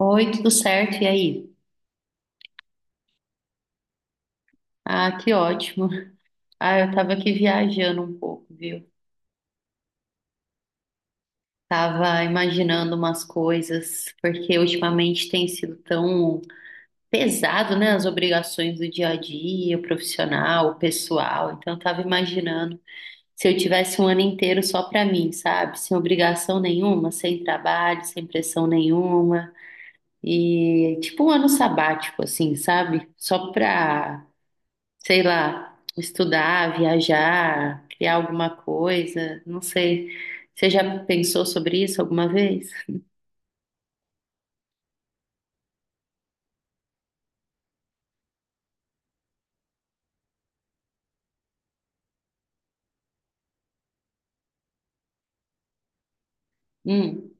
Oi, tudo certo? E aí? Ah, que ótimo. Ah, eu tava aqui viajando um pouco, viu? Tava imaginando umas coisas, porque ultimamente tem sido tão pesado, né? As obrigações do dia a dia, o profissional, o pessoal. Então, eu tava imaginando se eu tivesse um ano inteiro só pra mim, sabe? Sem obrigação nenhuma, sem trabalho, sem pressão nenhuma. E tipo um ano sabático, assim, sabe? Só pra, sei lá, estudar, viajar, criar alguma coisa, não sei. Você já pensou sobre isso alguma vez? Hum.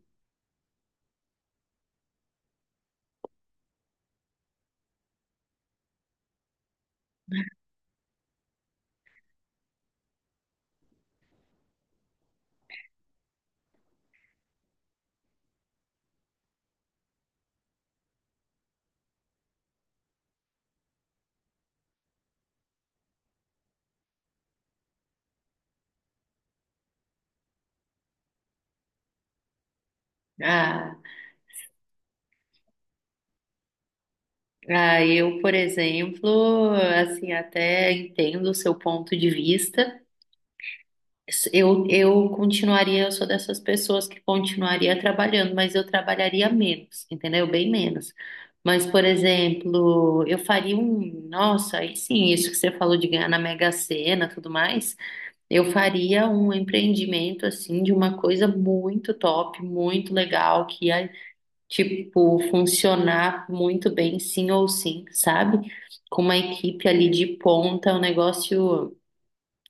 Ah, ah, eu, por exemplo, assim, até entendo o seu ponto de vista. Eu continuaria, eu sou dessas pessoas que continuaria trabalhando, mas eu trabalharia menos, entendeu? Bem menos. Mas, por exemplo, eu faria um, nossa, aí sim, isso que você falou de ganhar na Mega Sena, tudo mais. Eu faria um empreendimento assim de uma coisa muito top, muito legal, que ia, tipo, funcionar muito bem, sim ou sim, sabe? Com uma equipe ali de ponta, um negócio,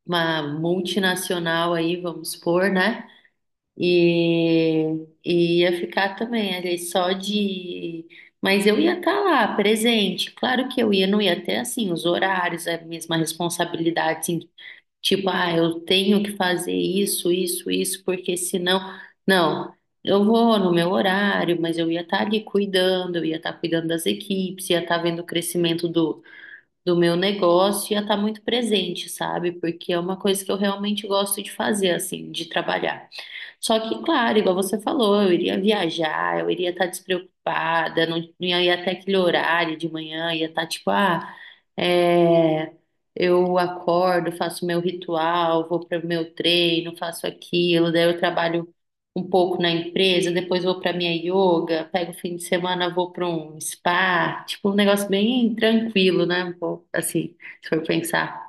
uma multinacional aí, vamos supor, né? E ia ficar também ali só de. Mas eu ia estar lá, presente. Claro que eu ia, não ia ter assim os horários, a mesma responsabilidade, assim, tipo, ah, eu tenho que fazer isso, isso, isso, porque senão. Não, eu vou no meu horário, mas eu ia estar ali cuidando, eu ia estar cuidando das equipes, ia estar vendo o crescimento do meu negócio, ia estar muito presente, sabe? Porque é uma coisa que eu realmente gosto de fazer, assim, de trabalhar. Só que, claro, igual você falou, eu iria viajar, eu iria estar despreocupada, não ia até aquele horário de manhã, ia estar tipo, ah, é, eu acordo, faço meu ritual, vou para o meu treino, faço aquilo, daí eu trabalho um pouco na empresa, depois vou para minha yoga, pego o fim de semana, vou para um spa, tipo, um negócio bem tranquilo, né? Um pouco, assim, se for pensar.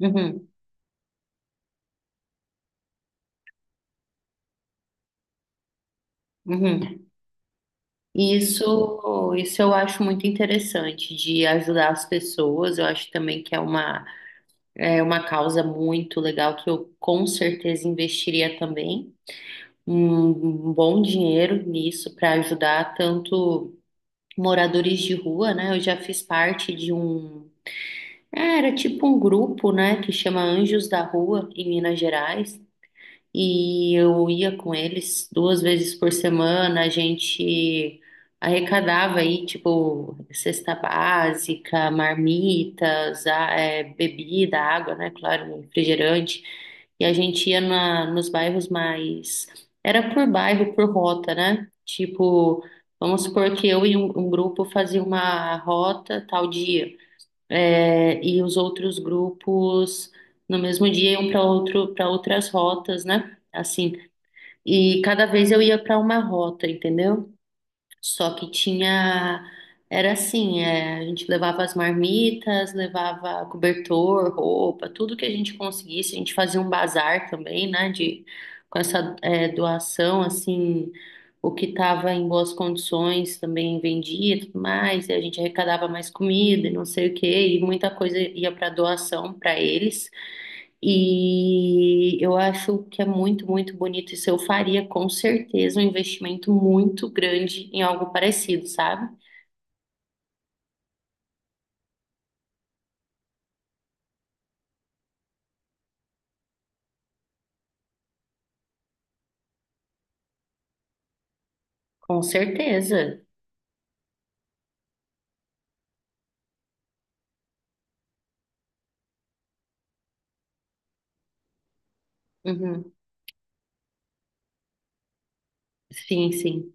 Uhum, uhum. E isso eu acho muito interessante de ajudar as pessoas. Eu acho também que é uma causa muito legal que eu com certeza investiria também um, um bom dinheiro nisso para ajudar tanto moradores de rua, né? Eu já fiz parte de um, é, era tipo um grupo, né, que chama Anjos da Rua em Minas Gerais e eu ia com eles duas vezes por semana, a gente arrecadava aí, tipo, cesta básica, marmitas, a- é, bebida, água, né? Claro, refrigerante. E a gente ia na, nos bairros mais. Era por bairro, por rota, né? Tipo, vamos supor que eu e um grupo fazia uma rota tal dia é, e os outros grupos no mesmo dia iam para outro, para outras rotas, né? Assim, e cada vez eu ia para uma rota, entendeu? Só que tinha, era assim, é, a gente levava as marmitas, levava cobertor, roupa, tudo que a gente conseguisse. A gente fazia um bazar também, né, de, com essa, é, doação, assim, o que estava em boas condições também vendia e tudo mais. E a gente arrecadava mais comida e não sei o quê, e muita coisa ia para doação para eles. E eu acho que é muito, muito bonito. Isso eu faria com certeza um investimento muito grande em algo parecido, sabe? Com certeza. Uhum. Sim, sim.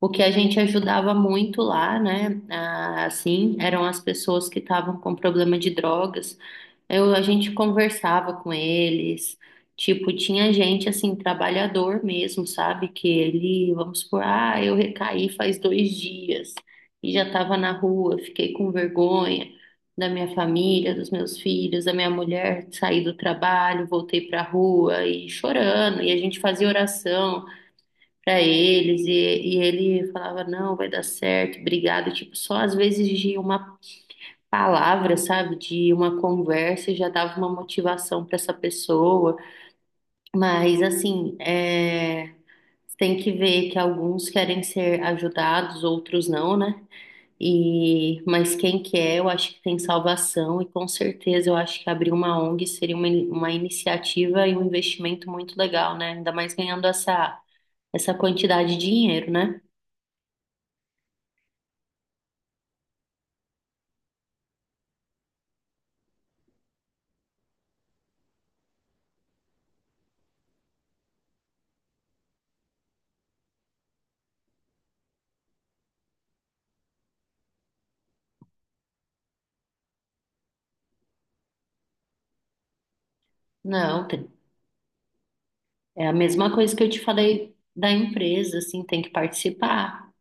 O que a gente ajudava muito lá, né? Ah, assim, eram as pessoas que estavam com problema de drogas. Eu, a gente conversava com eles. Tipo, tinha gente assim, trabalhador mesmo, sabe? Que ele, vamos supor, ah, eu recaí faz dois dias e já estava na rua, fiquei com vergonha da minha família, dos meus filhos, da minha mulher, saí do trabalho, voltei para a rua e chorando, e a gente fazia oração para eles e ele falava, não, vai dar certo, obrigado. Tipo, só às vezes de uma palavra, sabe, de uma conversa já dava uma motivação para essa pessoa. Mas assim, é, tem que ver que alguns querem ser ajudados, outros não, né? E, mas quem quer, eu acho que tem salvação, e com certeza eu acho que abrir uma ONG seria uma iniciativa e um investimento muito legal, né? Ainda mais ganhando essa, essa quantidade de dinheiro, né? Não, tem- é a mesma coisa que eu te falei da empresa, assim, tem que participar,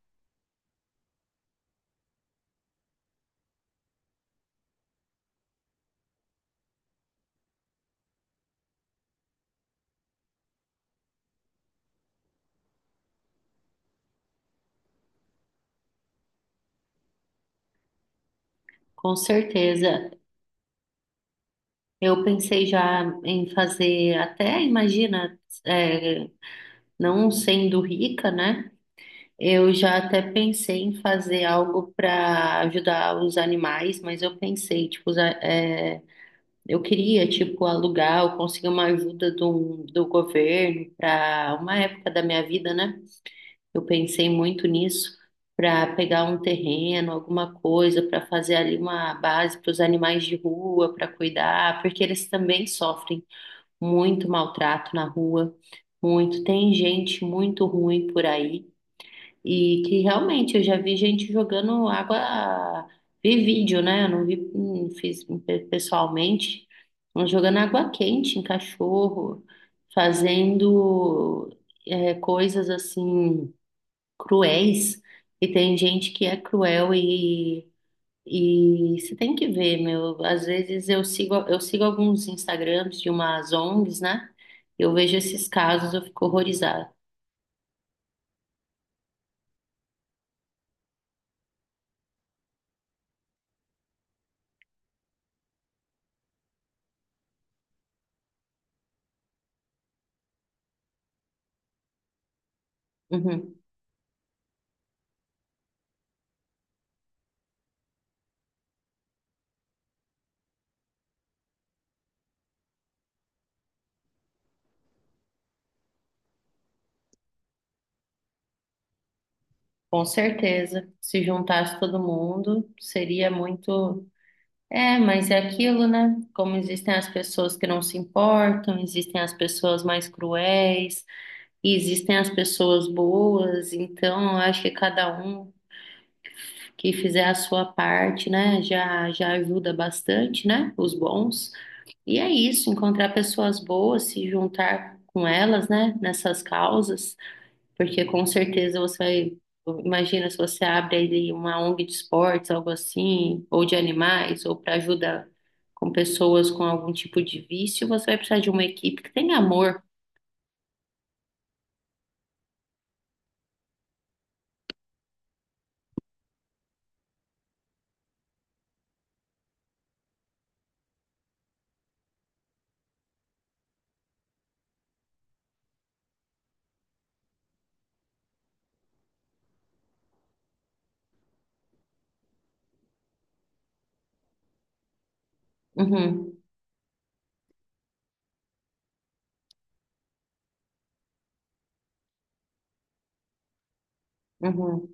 com certeza. Eu pensei já em fazer, até imagina, é, não sendo rica, né? Eu já até pensei em fazer algo para ajudar os animais, mas eu pensei, tipo, usar- é, eu queria, tipo, alugar ou conseguir uma ajuda do governo para uma época da minha vida, né? Eu pensei muito nisso para pegar um terreno, alguma coisa, para fazer ali uma base para os animais de rua, para cuidar, porque eles também sofrem muito maltrato na rua, muito. Tem gente muito ruim por aí e que realmente eu já vi gente jogando água, vi vídeo, né? Eu não vi, não fiz pessoalmente, mas jogando água quente em cachorro, fazendo coisas assim cruéis e tem gente que é cruel e você tem que ver, meu, às vezes eu sigo alguns Instagrams de umas ONGs, né? Eu vejo esses casos, eu fico horrorizada. Uhum. Com certeza, se juntasse todo mundo, seria muito. É, mas é aquilo, né? Como existem as pessoas que não se importam, existem as pessoas mais cruéis, e existem as pessoas boas, então eu acho que cada um que fizer a sua parte, né, já, já ajuda bastante, né, os bons. E é isso, encontrar pessoas boas, se juntar com elas, né, nessas causas, porque com certeza você vai. Imagina se você abre aí uma ONG de esportes, algo assim, ou de animais, ou para ajudar com pessoas com algum tipo de vício, você vai precisar de uma equipe que tenha amor. Uhum, uhum.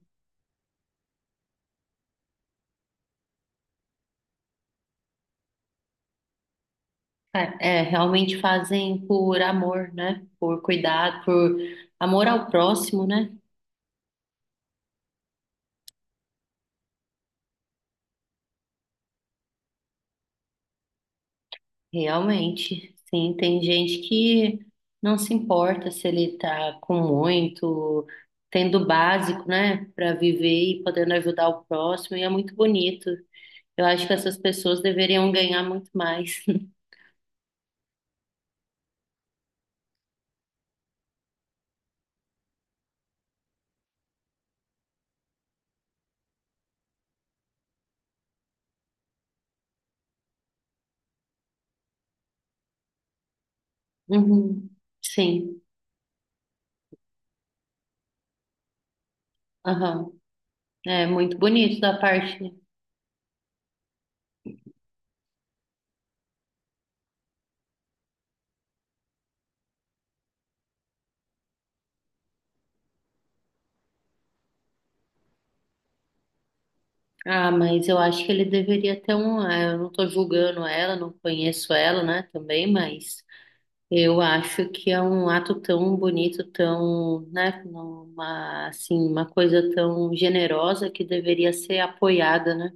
É, é, realmente fazem por amor, né? Por cuidado, por amor ao próximo, né? Realmente, sim, tem gente que não se importa se ele tá com muito, tendo o básico, né, para viver e podendo ajudar o próximo, e é muito bonito. Eu acho que essas pessoas deveriam ganhar muito mais. Uhum, sim, aham. É muito bonito da parte, né? Ah, mas eu acho que ele deveria ter um. Eu não tô julgando ela, não conheço ela, né, também, mas eu acho que é um ato tão bonito, tão, né, uma, assim, uma coisa tão generosa que deveria ser apoiada, né?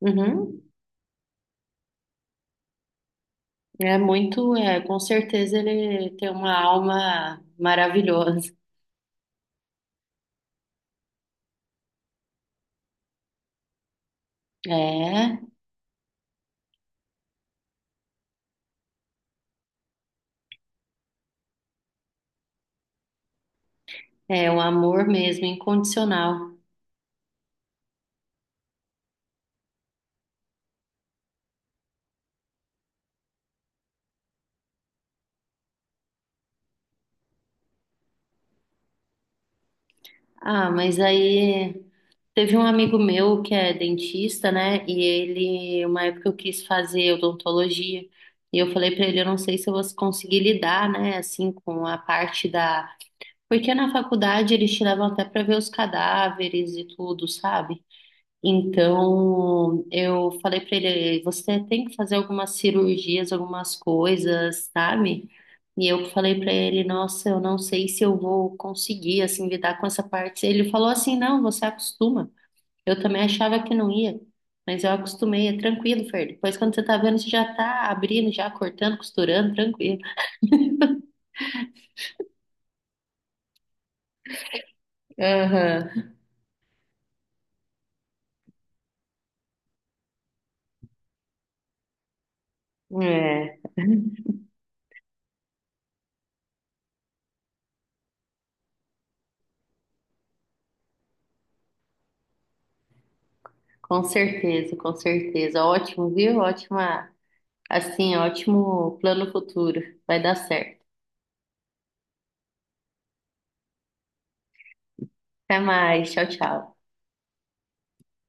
Uhum. É muito, é, com certeza ele tem uma alma maravilhosa. É, é um amor mesmo, incondicional. Ah, mas aí. Teve um amigo meu que é dentista, né? E ele, uma época eu quis fazer odontologia. E eu falei pra ele, eu não sei se eu vou conseguir lidar, né, assim, com a parte da. Porque na faculdade eles te levam até pra ver os cadáveres e tudo, sabe? Então, eu falei pra ele, você tem que fazer algumas cirurgias, algumas coisas, sabe? E eu falei pra ele, nossa, eu não sei se eu vou conseguir, assim, lidar com essa parte. Ele falou assim, não, você acostuma. Eu também achava que não ia, mas eu acostumei, é tranquilo, Fer. Depois, quando você tá vendo, você já tá abrindo, já cortando, costurando, tranquilo. Aham. É, com certeza, com certeza. Ótimo, viu? Ótima, assim, ótimo plano futuro. Vai dar certo. Até mais, tchau, tchau.